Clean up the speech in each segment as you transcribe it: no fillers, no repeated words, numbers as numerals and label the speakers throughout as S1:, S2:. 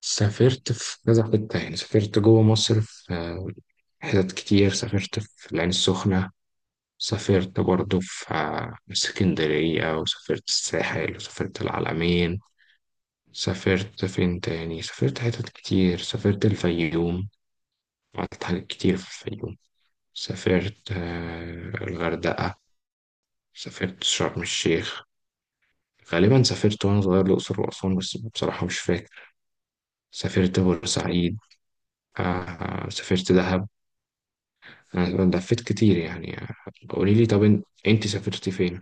S1: سافرت في كذا حتة يعني سافرت جوه مصر في حتت كتير. سافرت في العين السخنة. سافرت برضه في اسكندرية، وسافرت الساحل، وسافرت العلمين. سافرت فين تاني؟ سافرت حتت كتير. سافرت الفيوم، عملت حاجات كتير في الفيوم. سافرت الغردقة. سافرت شرم الشيخ. غالبا سافرت وأنا صغير الأقصر وأسوان، بس بصراحة مش فاكر. سافرت بورسعيد. سافرت دهب. أنا لفيت كتير يعني. قولي لي، طب انت سافرتي فين؟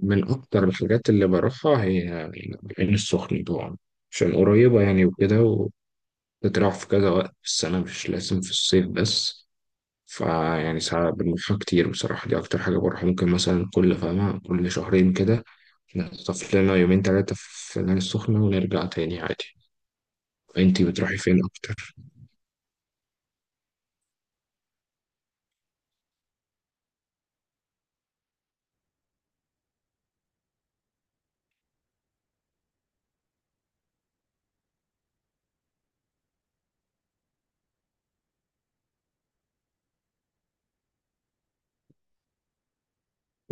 S1: من اكتر الحاجات اللي بروحها هي يعني العين السخنة طبعا، عشان قريبة يعني وكده، وتتراح في كذا وقت في السنة، مش لازم في الصيف بس. فيعني ساعات بنروحها كتير، بصراحة دي أكتر حاجة بروحها. ممكن مثلا كل فاهمة كل شهرين كده نخطف لنا يومين تلاتة في العين السخنة ونرجع تاني عادي. انتي بتروحي فين أكتر؟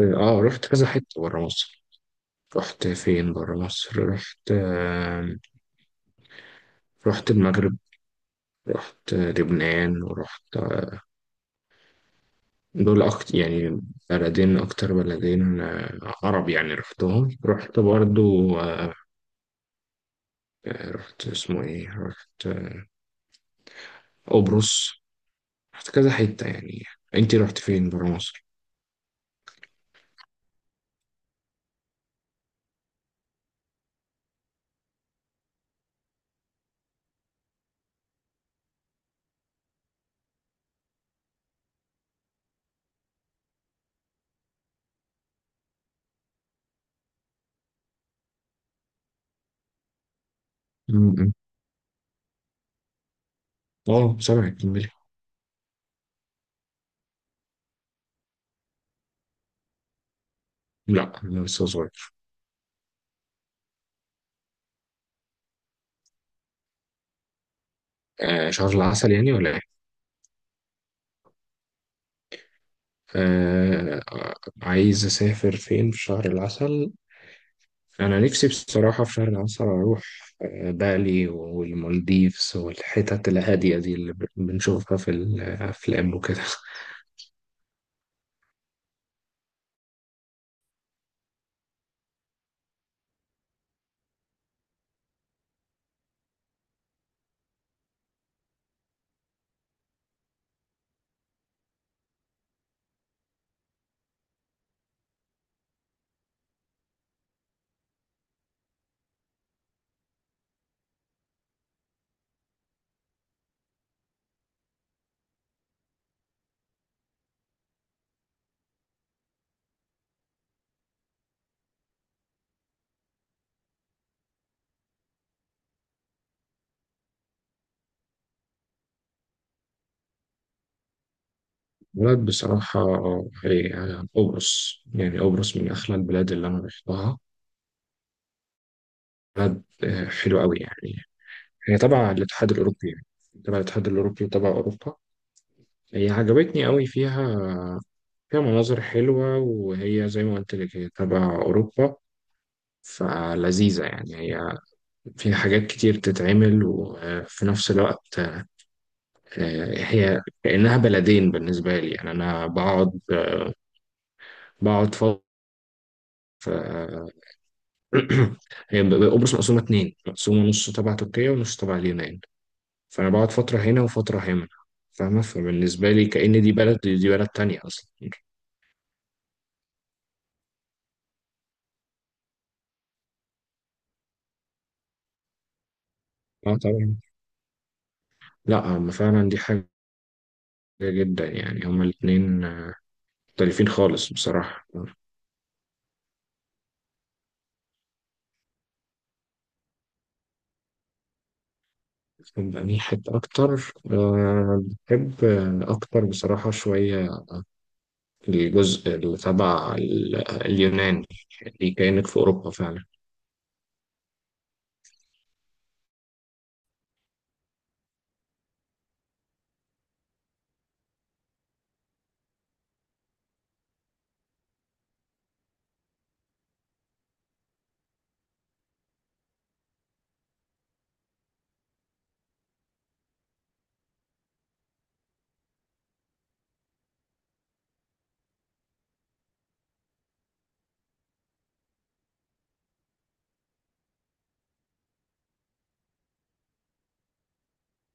S1: اه، رحت كذا حتة برا مصر. رحت فين برا مصر؟ رحت، رحت المغرب، رحت لبنان، ورحت، دول أكتر يعني بلدين، أكتر بلدين عرب يعني رحتهم. رحت برضو رحت، اسمه إيه، رحت قبرص. رحت كذا حتة يعني. أنتي رحت فين برا مصر؟ م- م. أه سامعك، كملي. لا أنا لسه صغير. شهر العسل يعني ولا إيه؟ آه، آه، عايز أسافر فين في شهر العسل؟ أنا نفسي بصراحة في شهر عسل أروح بالي والمالديفز، والحتت الهادية دي اللي بنشوفها في الأفلام وكده. بلد بصراحة، هي قبرص، يعني قبرص من أحلى البلاد اللي أنا رحتها. بلد حلوة أوي يعني. هي تبع الاتحاد الأوروبي يعني، تبع الاتحاد الأوروبي وتبع أوروبا. هي عجبتني أوي فيها، فيها مناظر حلوة، وهي زي ما قلت لك هي تبع أوروبا، فلذيذة يعني. في حاجات كتير تتعمل، وفي نفس الوقت هي كأنها بلدين بالنسبة لي. يعني أنا بقعد بقعد ف آه، قبرص مقسومة اتنين، مقسومة نص تبع تركيا ونص تبع اليونان. فأنا بقعد فترة هنا وفترة هنا، فاهمة؟ فبالنسبة لي كأن دي بلد، دي بلد تانية أصلا. اه طبعا، لا هم فعلا دي حاجة جدا يعني. هما الاتنين مختلفين خالص بصراحة. بني حتة أكتر بحب أكتر بصراحة شوية الجزء اللي تبع اليونان، اللي كانت في أوروبا فعلا.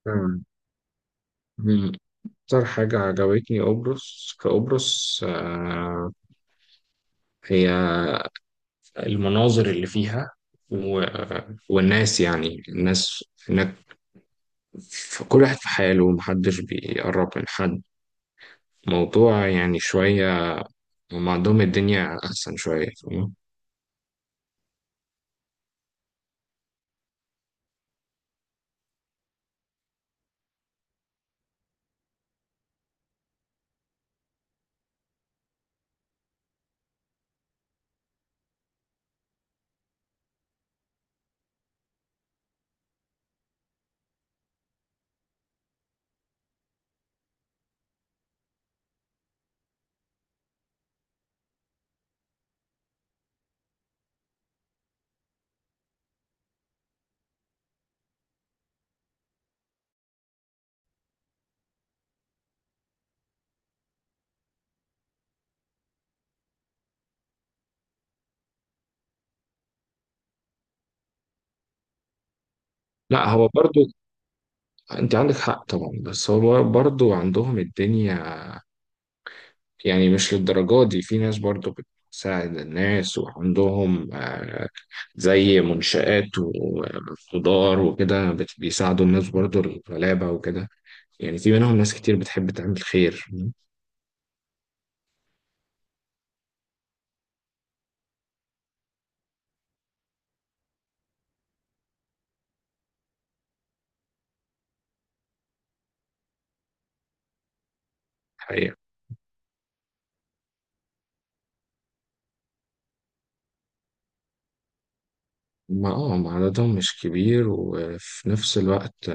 S1: مم. مم. أكتر حاجة عجبتني قبرص، في قبرص هي المناظر اللي فيها، و... والناس، يعني الناس هناك، في كل واحد في حاله ومحدش بيقرب من حد. موضوع يعني شوية هم عندهم الدنيا أحسن شوية، فاهم؟ لا هو برضو، أنت عندك حق طبعا، بس هو برضو عندهم الدنيا يعني مش للدرجة دي. في ناس برضو بتساعد الناس، وعندهم زي منشآت وخضار وكده بيساعدوا الناس برضو الغلابة وكده. يعني في منهم ناس كتير بتحب تعمل خير. حقيقة ما عددهم مش كبير، وفي نفس الوقت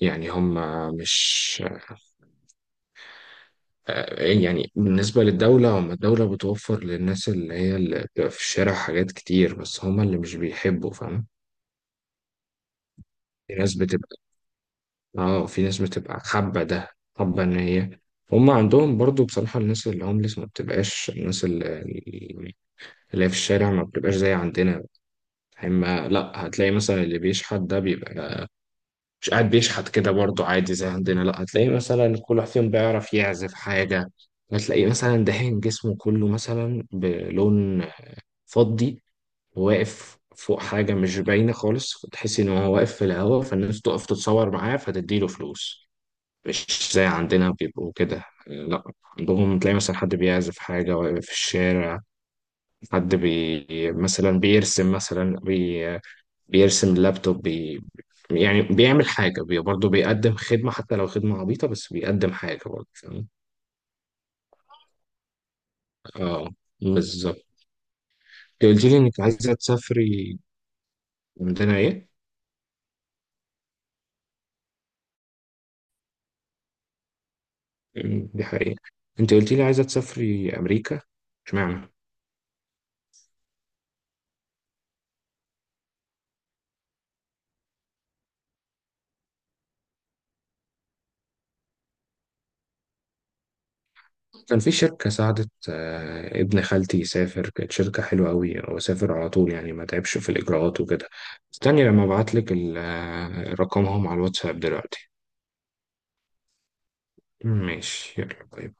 S1: يعني هم مش يعني بالنسبة للدولة، هم الدولة بتوفر للناس اللي هي اللي بتبقى في الشارع حاجات كتير، بس هم اللي مش بيحبوا، فاهم؟ في ناس بتبقى اه في ناس بتبقى حابة ان هي، هم عندهم برضو بصراحة الناس اللي هومليس ما بتبقاش الناس اللي هي في الشارع، ما بتبقاش زي عندنا. اما لا، هتلاقي مثلا اللي بيشحت ده بيبقى مش قاعد بيشحت كده برضو عادي زي عندنا. لا، هتلاقي مثلا كل واحد فيهم بيعرف يعزف حاجة. هتلاقي مثلا دهان جسمه كله مثلا بلون فضي، واقف فوق حاجة مش باينة خالص، تحس إن هو واقف في الهواء، فالناس تقف تتصور معاه فتديله فلوس. مش زي عندنا بيبقوا كده، لا. عندهم تلاقي مثلا حد بيعزف حاجة واقف في الشارع، حد بي مثلا بيرسم، مثلا بيرسم اللابتوب، يعني بيعمل حاجة برضه، بيقدم خدمة حتى لو خدمة عبيطة، بس بيقدم حاجة برضه، فاهم؟ اه، بالظبط. انت قلت لي انك عايزة تسافري، عندنا ايه؟ دي حقيقة. انت قلت لي عايزة تسافري أمريكا، اشمعنى؟ كان في شركة ساعدت ابن خالتي يسافر. كانت شركة حلوة أوي، هو سافر على طول يعني، ما تعبش في الإجراءات وكده. استني لما أبعتلك رقمهم على الواتساب دلوقتي. ماشي، يلا باي.